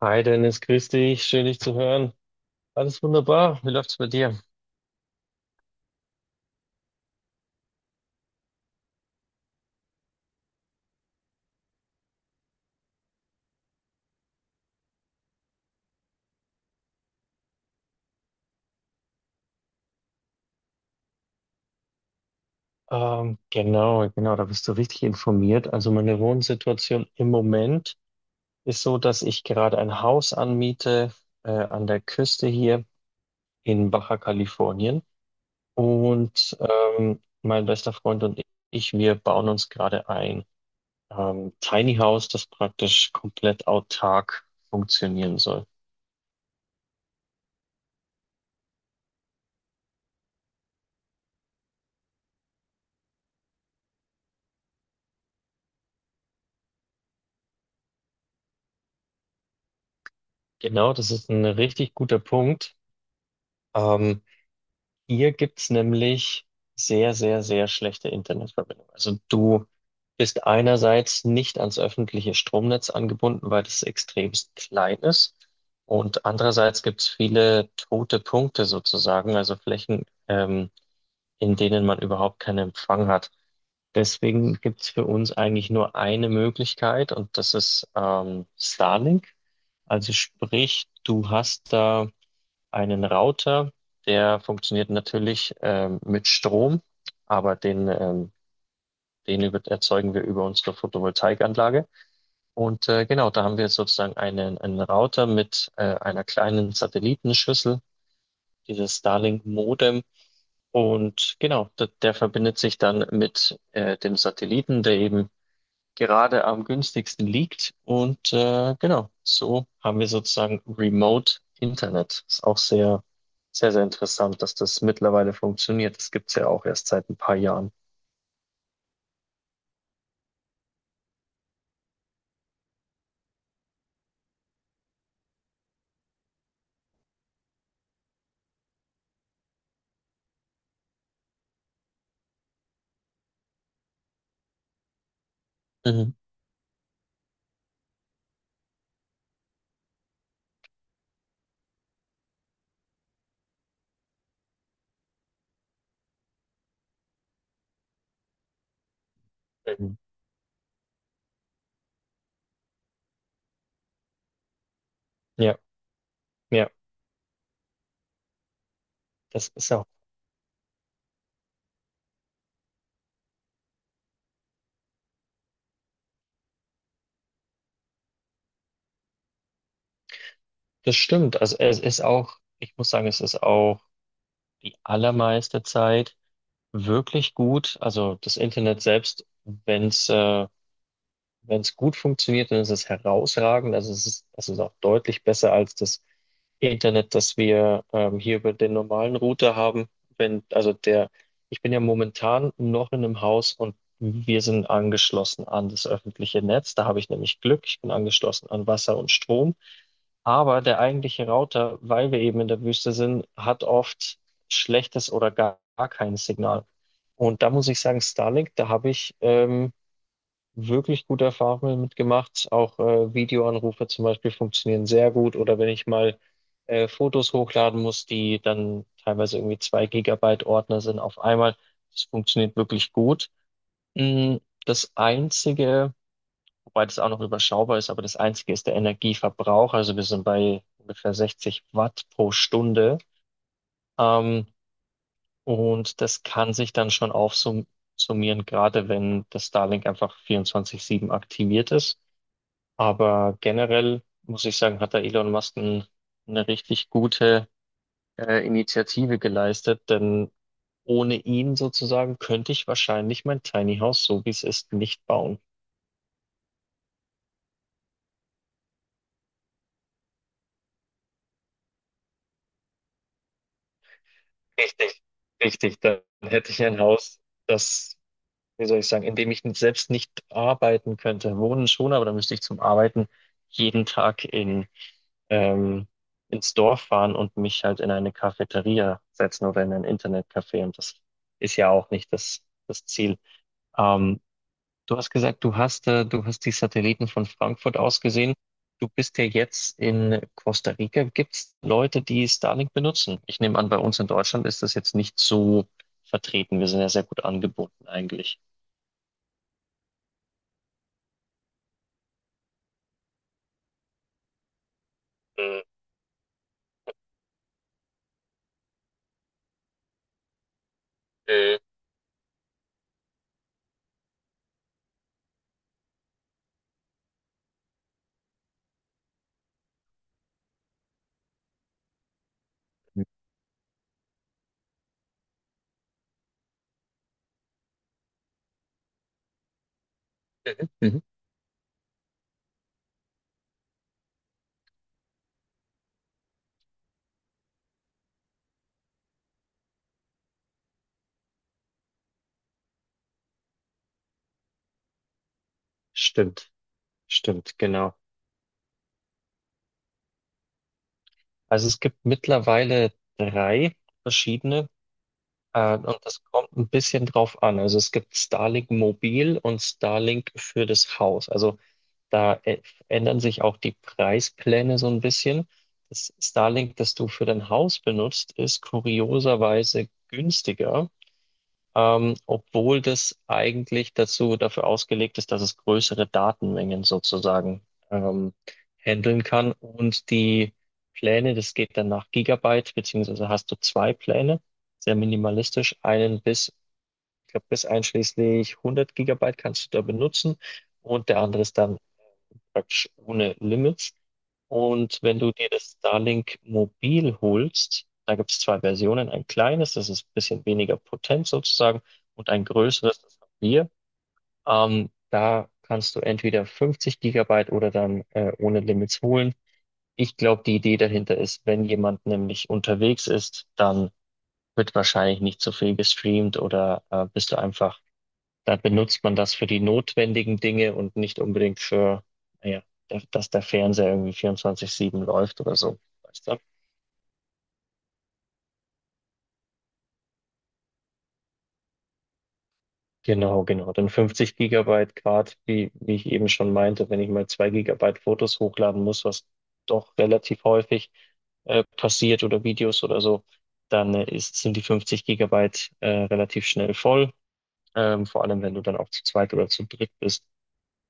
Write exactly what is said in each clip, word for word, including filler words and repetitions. Hi Dennis, grüß dich, schön dich zu hören. Alles wunderbar, wie läuft's bei dir? Ähm, genau, genau, da bist du richtig informiert. Also meine Wohnsituation im Moment ist so, dass ich gerade ein Haus anmiete äh, an der Küste hier in Baja Californien. Und ähm, mein bester Freund und ich, wir bauen uns gerade ein ähm, Tiny House, das praktisch komplett autark funktionieren soll. Genau, das ist ein richtig guter Punkt. Ähm, Hier gibt's nämlich sehr, sehr, sehr schlechte Internetverbindung. Also du bist einerseits nicht ans öffentliche Stromnetz angebunden, weil das extremst klein ist. Und andererseits gibt's viele tote Punkte sozusagen, also Flächen, ähm, in denen man überhaupt keinen Empfang hat. Deswegen gibt's für uns eigentlich nur eine Möglichkeit und das ist ähm, Starlink. Also sprich, du hast da einen Router, der funktioniert natürlich ähm, mit Strom, aber den, ähm, den über, erzeugen wir über unsere Photovoltaikanlage. Und äh, genau, da haben wir sozusagen einen, einen Router mit äh, einer kleinen Satellitenschüssel, dieses Starlink-Modem. Und genau, der, der verbindet sich dann mit äh, dem Satelliten, der eben gerade am günstigsten liegt. Und äh, genau, so haben wir sozusagen Remote Internet. Ist auch sehr, sehr, sehr interessant, dass das mittlerweile funktioniert. Das gibt's ja auch erst seit ein paar Jahren. Mhm. Mhm. Ja, ja, das ist auch, das stimmt. Also es ist auch, ich muss sagen, es ist auch die allermeiste Zeit wirklich gut. Also das Internet selbst, wenn's äh, Wenn es gut funktioniert, dann ist es herausragend. Also es ist, es ist auch deutlich besser als das Internet, das wir ähm, hier über den normalen Router haben. Wenn, also der, ich bin ja momentan noch in einem Haus und wir sind angeschlossen an das öffentliche Netz. Da habe ich nämlich Glück. Ich bin angeschlossen an Wasser und Strom. Aber der eigentliche Router, weil wir eben in der Wüste sind, hat oft schlechtes oder gar, gar kein Signal. Und da muss ich sagen, Starlink, da habe ich ähm, wirklich gute Erfahrungen mitgemacht. Auch äh, Videoanrufe zum Beispiel funktionieren sehr gut. Oder wenn ich mal äh, Fotos hochladen muss, die dann teilweise irgendwie zwei Gigabyte Ordner sind auf einmal. Das funktioniert wirklich gut. Mm, Das Einzige, wobei das auch noch überschaubar ist, aber das Einzige ist der Energieverbrauch. Also wir sind bei ungefähr sechzig Watt pro Stunde. Ähm, und das kann sich dann schon aufsummieren, gerade wenn das Starlink einfach vierundzwanzig sieben aktiviert ist. Aber generell muss ich sagen, hat da Elon Musk ein, eine richtig gute äh, Initiative geleistet, denn ohne ihn sozusagen könnte ich wahrscheinlich mein Tiny House, so wie es ist, nicht bauen. Richtig. Richtig, dann hätte ich ein Haus, das, wie soll ich sagen, in dem ich nicht- selbst nicht arbeiten könnte. Wohnen schon, aber dann müsste ich zum Arbeiten jeden Tag in, ähm, ins Dorf fahren und mich halt in eine Cafeteria setzen oder in ein Internetcafé. Und das ist ja auch nicht das, das Ziel. Ähm, Du hast gesagt, du hast, äh, du hast die Satelliten von Frankfurt aus gesehen. Du bist ja jetzt in Costa Rica. Gibt es Leute, die Starlink benutzen? Ich nehme an, bei uns in Deutschland ist das jetzt nicht so vertreten. Wir sind ja sehr gut angebunden eigentlich. Mhm. Mhm. Stimmt, stimmt, genau. Also es gibt mittlerweile drei verschiedene äh, und das kommt ein bisschen drauf an. Also es gibt Starlink Mobil und Starlink für das Haus. Also da ä- ändern sich auch die Preispläne so ein bisschen. Das Starlink, das du für dein Haus benutzt, ist kurioserweise günstiger, ähm, obwohl das eigentlich dazu dafür ausgelegt ist, dass es größere Datenmengen sozusagen ähm, handeln kann. Und die Pläne, das geht dann nach Gigabyte, beziehungsweise hast du zwei Pläne, sehr minimalistisch, einen bis, ich glaube, bis einschließlich hundert Gigabyte kannst du da benutzen, und der andere ist dann praktisch ohne Limits. Und wenn du dir das Starlink Mobil holst, da gibt es zwei Versionen, ein kleines, das ist ein bisschen weniger potent sozusagen, und ein größeres, das haben wir. Ähm, da kannst du entweder fünfzig Gigabyte oder dann äh, ohne Limits holen. Ich glaube, die Idee dahinter ist, wenn jemand nämlich unterwegs ist, dann wird wahrscheinlich nicht so viel gestreamt oder äh, bist du einfach da benutzt man das für die notwendigen Dinge und nicht unbedingt für, naja, da- dass der Fernseher irgendwie vierundzwanzig sieben läuft oder so. Weißt du? Genau, genau. Dann fünfzig Gigabyte grad, wie, wie ich eben schon meinte, wenn ich mal zwei Gigabyte Fotos hochladen muss, was doch relativ häufig äh, passiert, oder Videos oder so, dann äh, ist, sind die fünfzig Gigabyte äh, relativ schnell voll, ähm, vor allem wenn du dann auch zu zweit oder zu dritt bist.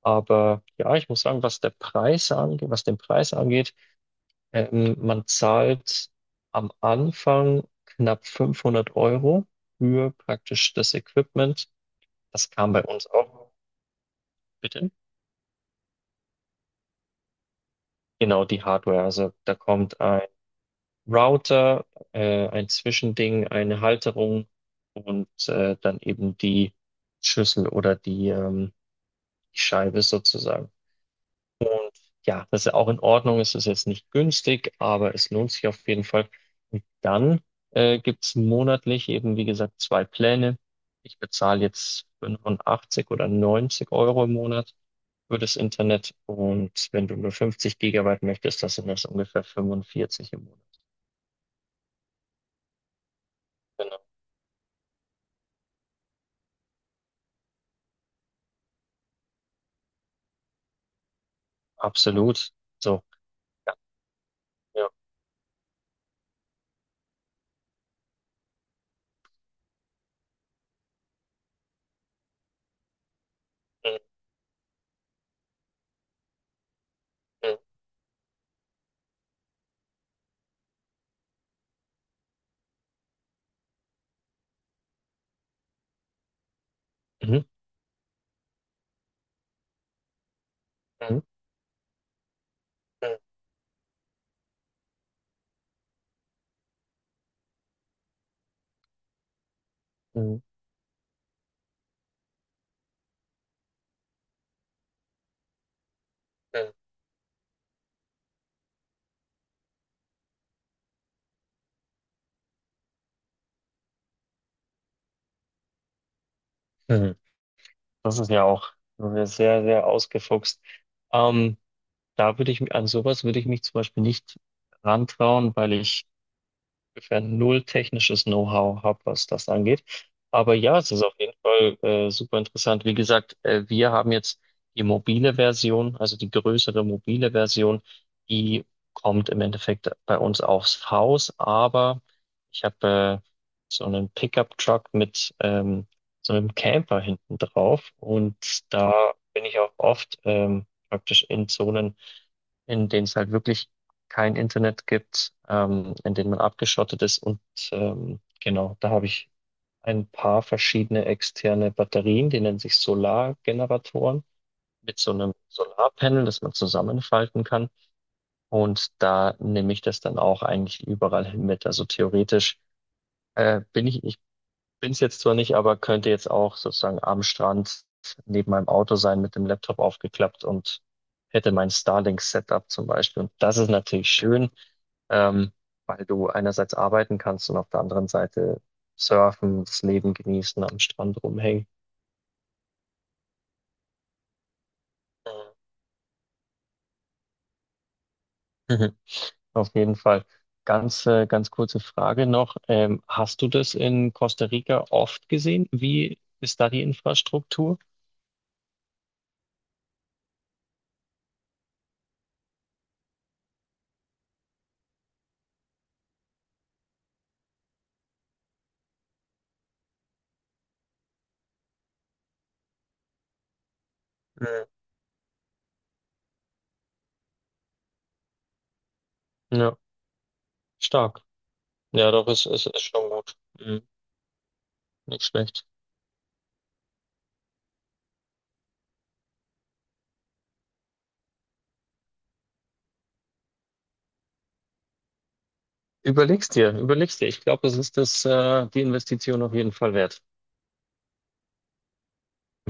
Aber ja, ich muss sagen, was der Preis angeht, was den Preis angeht, Ähm, man zahlt am Anfang knapp fünfhundert Euro für praktisch das Equipment. Das kam bei uns auch. Bitte? Genau, die Hardware. Also da kommt ein Router, äh, ein Zwischending, eine Halterung und äh, dann eben die Schüssel oder die, ähm, die Scheibe sozusagen. Ja, das ist ja auch in Ordnung. Es ist jetzt nicht günstig, aber es lohnt sich auf jeden Fall. Und dann äh, gibt's monatlich eben, wie gesagt, zwei Pläne. Ich bezahle jetzt fünfundachtzig oder neunzig Euro im Monat für das Internet. Und wenn du nur fünfzig Gigabyte möchtest, das sind das ungefähr fünfundvierzig im Monat. Genau. Absolut. So. Ja. Ja. Mhm. Mhm. Mhm. Mhm. Mhm. Mhm. Mhm. Das ist ja auch sehr, sehr ausgefuchst. Ähm, da würde ich, mi- An sowas würde ich mich zum Beispiel nicht rantrauen, weil ich ungefähr null technisches Know-how habe, was das angeht. Aber ja, es ist auf jeden Fall äh, super interessant. Wie gesagt, äh, wir haben jetzt die mobile Version, also die größere mobile Version, die kommt im Endeffekt bei uns aufs Haus, aber ich habe äh, so einen Pickup-Truck mit ähm, so einem Camper hinten drauf, und da bin ich auch oft ähm, praktisch in Zonen, in denen es halt wirklich kein Internet gibt, ähm, in denen man abgeschottet ist. Und ähm, genau, da habe ich ein paar verschiedene externe Batterien, die nennen sich Solargeneratoren, mit so einem Solarpanel, das man zusammenfalten kann. Und da nehme ich das dann auch eigentlich überall hin mit. Also theoretisch äh, bin ich bin es jetzt zwar nicht, aber könnte jetzt auch sozusagen am Strand neben meinem Auto sein, mit dem Laptop aufgeklappt, und hätte mein Starlink-Setup zum Beispiel. Und das ist natürlich schön, ähm, weil du einerseits arbeiten kannst und auf der anderen Seite surfen, das Leben genießen, am Strand rumhängen. Mhm. Auf jeden Fall. Ganz, äh, ganz kurze Frage noch. Ähm, hast du das in Costa Rica oft gesehen? Wie ist da die Infrastruktur? Mhm. Ja, stark. Ja, doch, es ist, ist, ist schon gut. Mhm. Nicht schlecht. Überleg's dir, überleg's dir. Ich glaube, es ist das, äh, die Investition auf jeden Fall wert.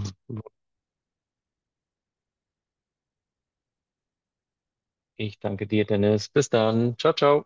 Okay, ich danke dir, Dennis. Bis dann. Ciao, ciao.